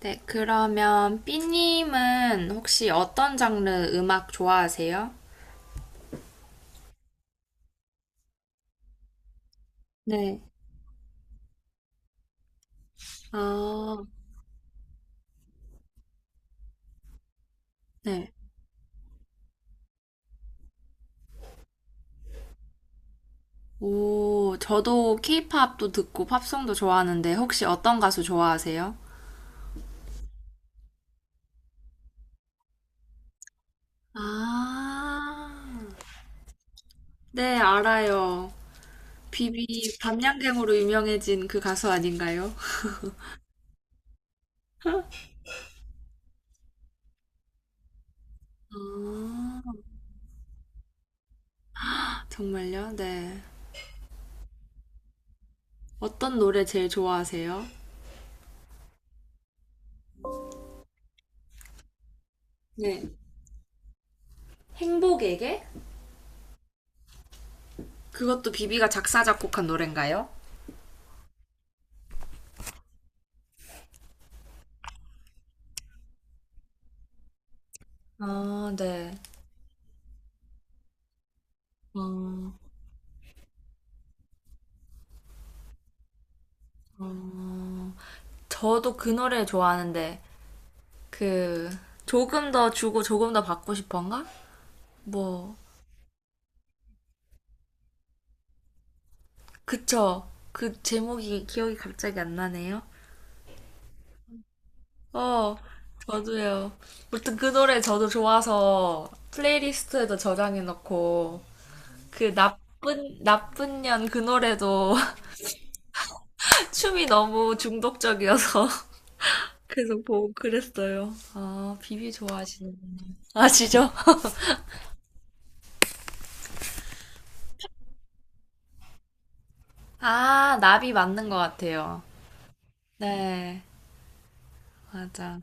네, 그러면 삐님은 혹시 어떤 장르 음악 좋아하세요? 네. 아, 네. 오, 저도 케이팝도 듣고 팝송도 좋아하는데 혹시 어떤 가수 좋아하세요? 아, 네, 알아요. 비비 밤양갱으로 유명해진 그 가수 아닌가요? 아, 정말요? 네. 어떤 노래 제일 좋아하세요? 네. 행복에게? 그것도 비비가 작사 작곡한 노래인가요? 아, 네. 어, 어, 저도 그 노래 좋아하는데, 그, 조금 더 주고 조금 더 받고 싶은가? 뭐, 그쵸. 그 제목이 기억이 갑자기 안 나네요. 어, 저도요. 무튼 그 노래 저도 좋아서 플레이리스트에도 저장해놓고, 그 나쁜 년 그 노래도 춤이 너무 중독적이어서 계속 보고 그랬어요. 아, 비비 좋아하시는군요. 아시죠? 아, 나비 맞는 것 같아요. 네, 맞아.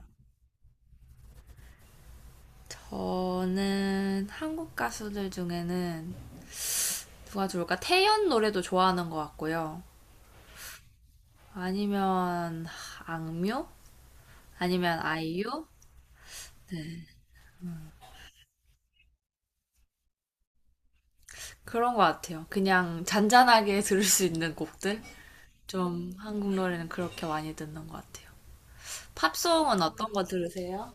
저는 한국 가수들 중에는 누가 좋을까? 태연 노래도 좋아하는 것 같고요. 아니면 악뮤? 아니면 아이유? 네, 그런 것 같아요. 그냥 잔잔하게 들을 수 있는 곡들? 좀 한국 노래는 그렇게 많이 듣는 것 같아요. 팝송은 어떤 거 들으세요?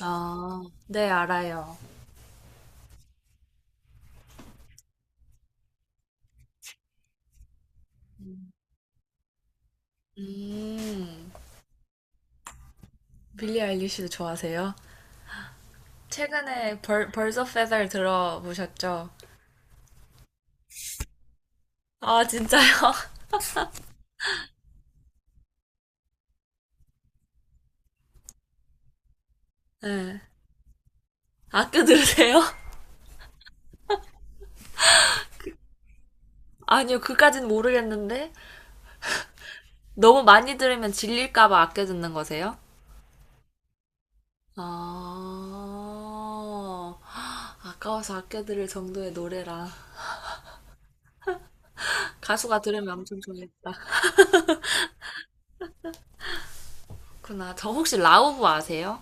아, 네, 알아요. 음, 빌리 아일리시도 좋아하세요? 최근에 벌써 페달 들어보셨죠? 아, 진짜요? 네. 아껴 들으세요? 아니요, 그까진 모르겠는데. 너무 많이 들으면 질릴까봐 아껴 듣는 거세요? 아, 아까워서 아껴 들을 정도의 노래라. 가수가 들으면 엄청 좋겠다. 그나, 저 혹시 라우브 아세요?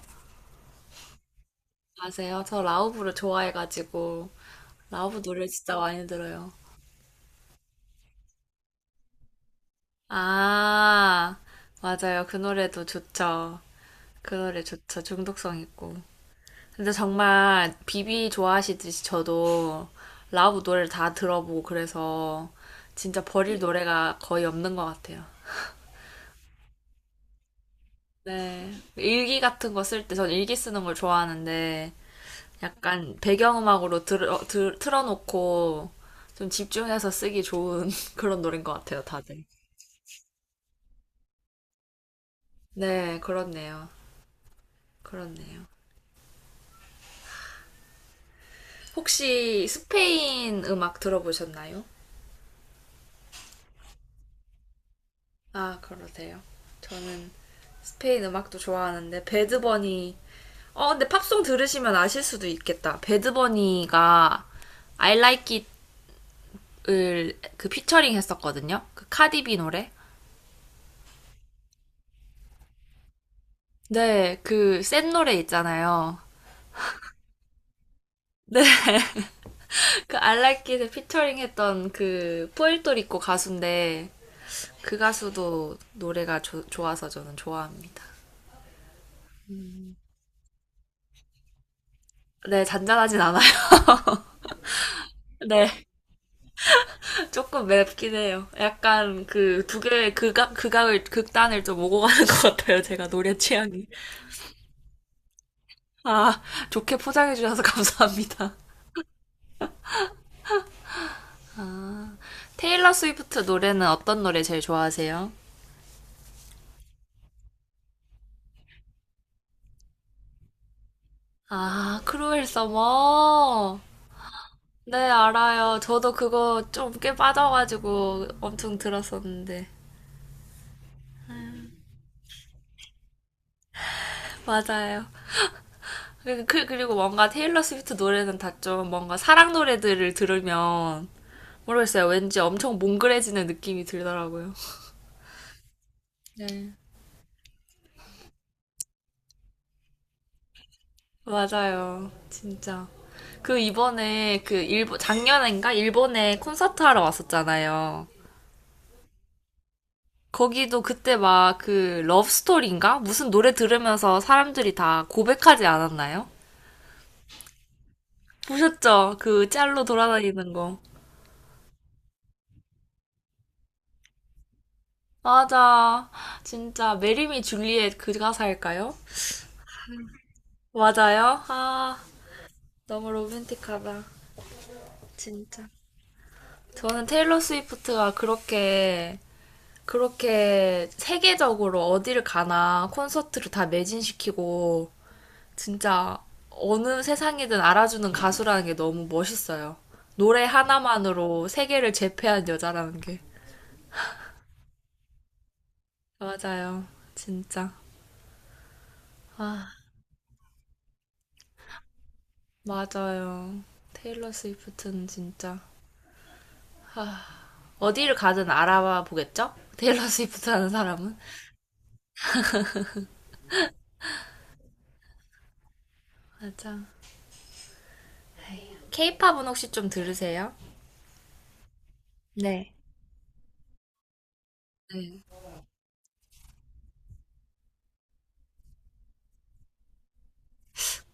아세요? 저 라우브를 좋아해가지고, 라우브 노래 진짜 많이 들어요. 아, 맞아요. 그 노래도 좋죠. 그 노래 좋죠. 중독성 있고. 근데 정말 비비 좋아하시듯이 저도 라우브 노래를 다 들어보고 그래서 진짜 버릴 노래가 거의 없는 것 같아요. 네. 일기 같은 거 쓸 때 전 일기 쓰는 걸 좋아하는데 약간 배경음악으로 틀어놓고 좀 집중해서 쓰기 좋은 그런 노래인 것 같아요, 다들. 네, 그렇네요. 그렇네요. 혹시 스페인 음악 들어보셨나요? 아, 그러세요. 저는 스페인 음악도 좋아하는데 배드버니 어, 근데 팝송 들으시면 아실 수도 있겠다. 배드버니가 I Like It을 그 피처링 했었거든요. 그 카디비 노래. 네, 그 센 노래 있잖아요. 네, 그 I Like It을 피처링 했던 그 푸에르토리코 가수인데 그 가수도 노래가 좋아서 저는 좋아합니다. 네, 잔잔하진 않아요. 네. 조금 맵긴 해요. 약간 그 두 개의 극단을 좀 오고 가는 것 같아요. 제가 노래 취향이. 아, 좋게 포장해 주셔서 감사합니다. 아, 테일러 스위프트 노래는 어떤 노래 제일 좋아하세요? 아, 크루엘 서머. 네, 알아요. 저도 그거 좀 꽤 빠져가지고 엄청 들었었는데. 맞아요. 그리고 뭔가 테일러 스위프트 노래는 다 좀 뭔가 사랑 노래들을 들으면 모르겠어요. 왠지 엄청 몽글해지는 느낌이 들더라고요. 네. 맞아요. 진짜. 그 이번에 그 일본, 작년인가? 일본에 콘서트 하러 왔었잖아요. 거기도 그때 막 그 러브스토리인가? 무슨 노래 들으면서 사람들이 다 고백하지 않았나요? 보셨죠? 그 짤로 돌아다니는 거. 맞아. 진짜 메리미 줄리엣 그 가사일까요? 맞아요. 아, 너무 로맨틱하다. 진짜. 저는 테일러 스위프트가 그렇게 세계적으로 어디를 가나 콘서트를 다 매진시키고 진짜 어느 세상이든 알아주는 가수라는 게 너무 멋있어요. 노래 하나만으로 세계를 제패한 여자라는 게. 맞아요. 진짜. 아, 맞아요. 테일러 스위프트는 진짜. 아, 어디를 가든 알아봐 보겠죠? 테일러 스위프트 하는 사람은. 맞아. 케이팝은 혹시 좀 들으세요? 네.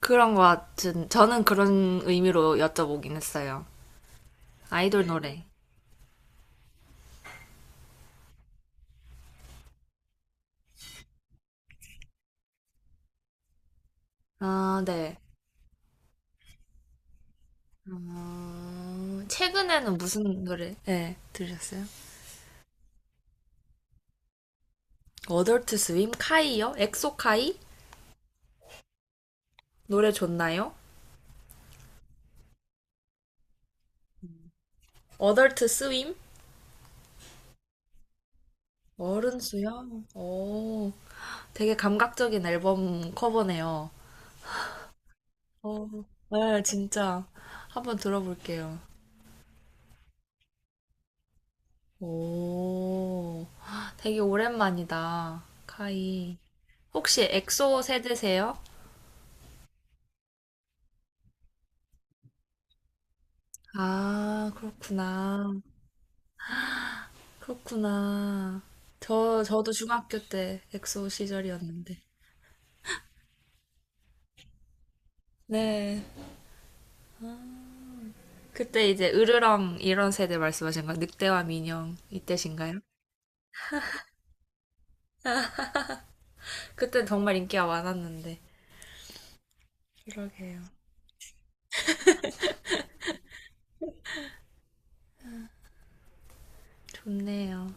그런 것 같은, 저는 그런 의미로 여쭤보긴 했어요. 아이돌 노래. 아, 네. 어, 최근에는 무슨 노래, 네, 들으셨어요? 어덜트 스윔 카이요? 엑소 카이? 노래 좋나요? 어덜트 스윔 어른 수영? 오, 되게 감각적인 앨범 커버네요. 어, 네, 진짜. 한번 들어볼게요. 오, 되게 오랜만이다. 카이. 혹시 엑소 세대세요? 아, 그렇구나. 그렇구나. 저도 중학교 때 엑소 시절이었는데. 네. 그때 이제 으르렁 이런 세대 말씀하신 거, 늑대와 민영 이때신가요? 그때 정말 인기가 많았는데. 그러게요. 좋네요.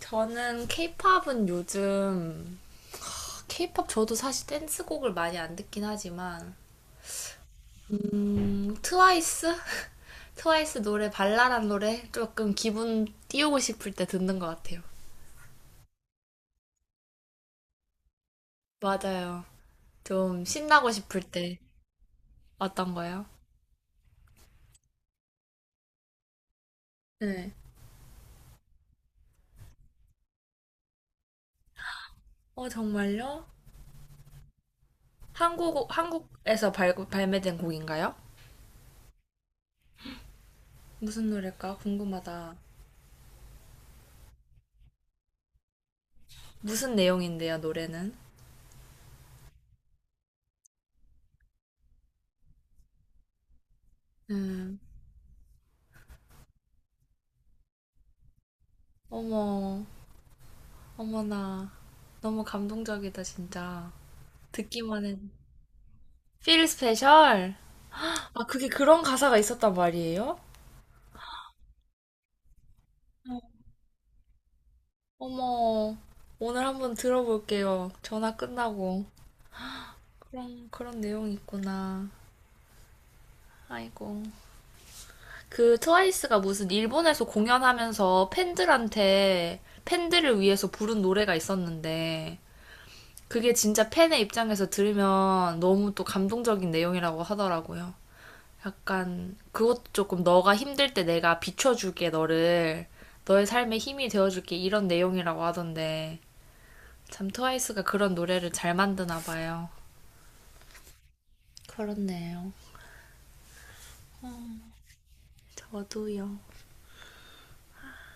저는 케이팝은 요즘, 케이팝 저도 사실 댄스곡을 많이 안 듣긴 하지만, 트와이스? 트와이스 노래, 발랄한 노래? 조금 기분 띄우고 싶을 때 듣는 것 같아요. 맞아요. 좀 신나고 싶을 때. 어떤 거요? 네. 어, 정말요? 한국에서 발매된 곡인가요? 무슨 노래일까? 궁금하다. 무슨 내용인데요, 노래는? 음, 어머, 어머나. 너무 감동적이다, 진짜. 듣기만 해도. Feel Special? 아, 그게 그런 가사가 있었단 말이에요? 어. 어머, 오늘 한번 들어볼게요. 전화 끝나고. 그런 내용이 있구나. 아이고. 그 트와이스가 무슨 일본에서 공연하면서 팬들한테 팬들을 위해서 부른 노래가 있었는데 그게 진짜 팬의 입장에서 들으면 너무 또 감동적인 내용이라고 하더라고요. 약간 그것도 조금 너가 힘들 때 내가 비춰줄게 너를 너의 삶에 힘이 되어줄게 이런 내용이라고 하던데 참 트와이스가 그런 노래를 잘 만드나 봐요. 그렇네요. 저도요.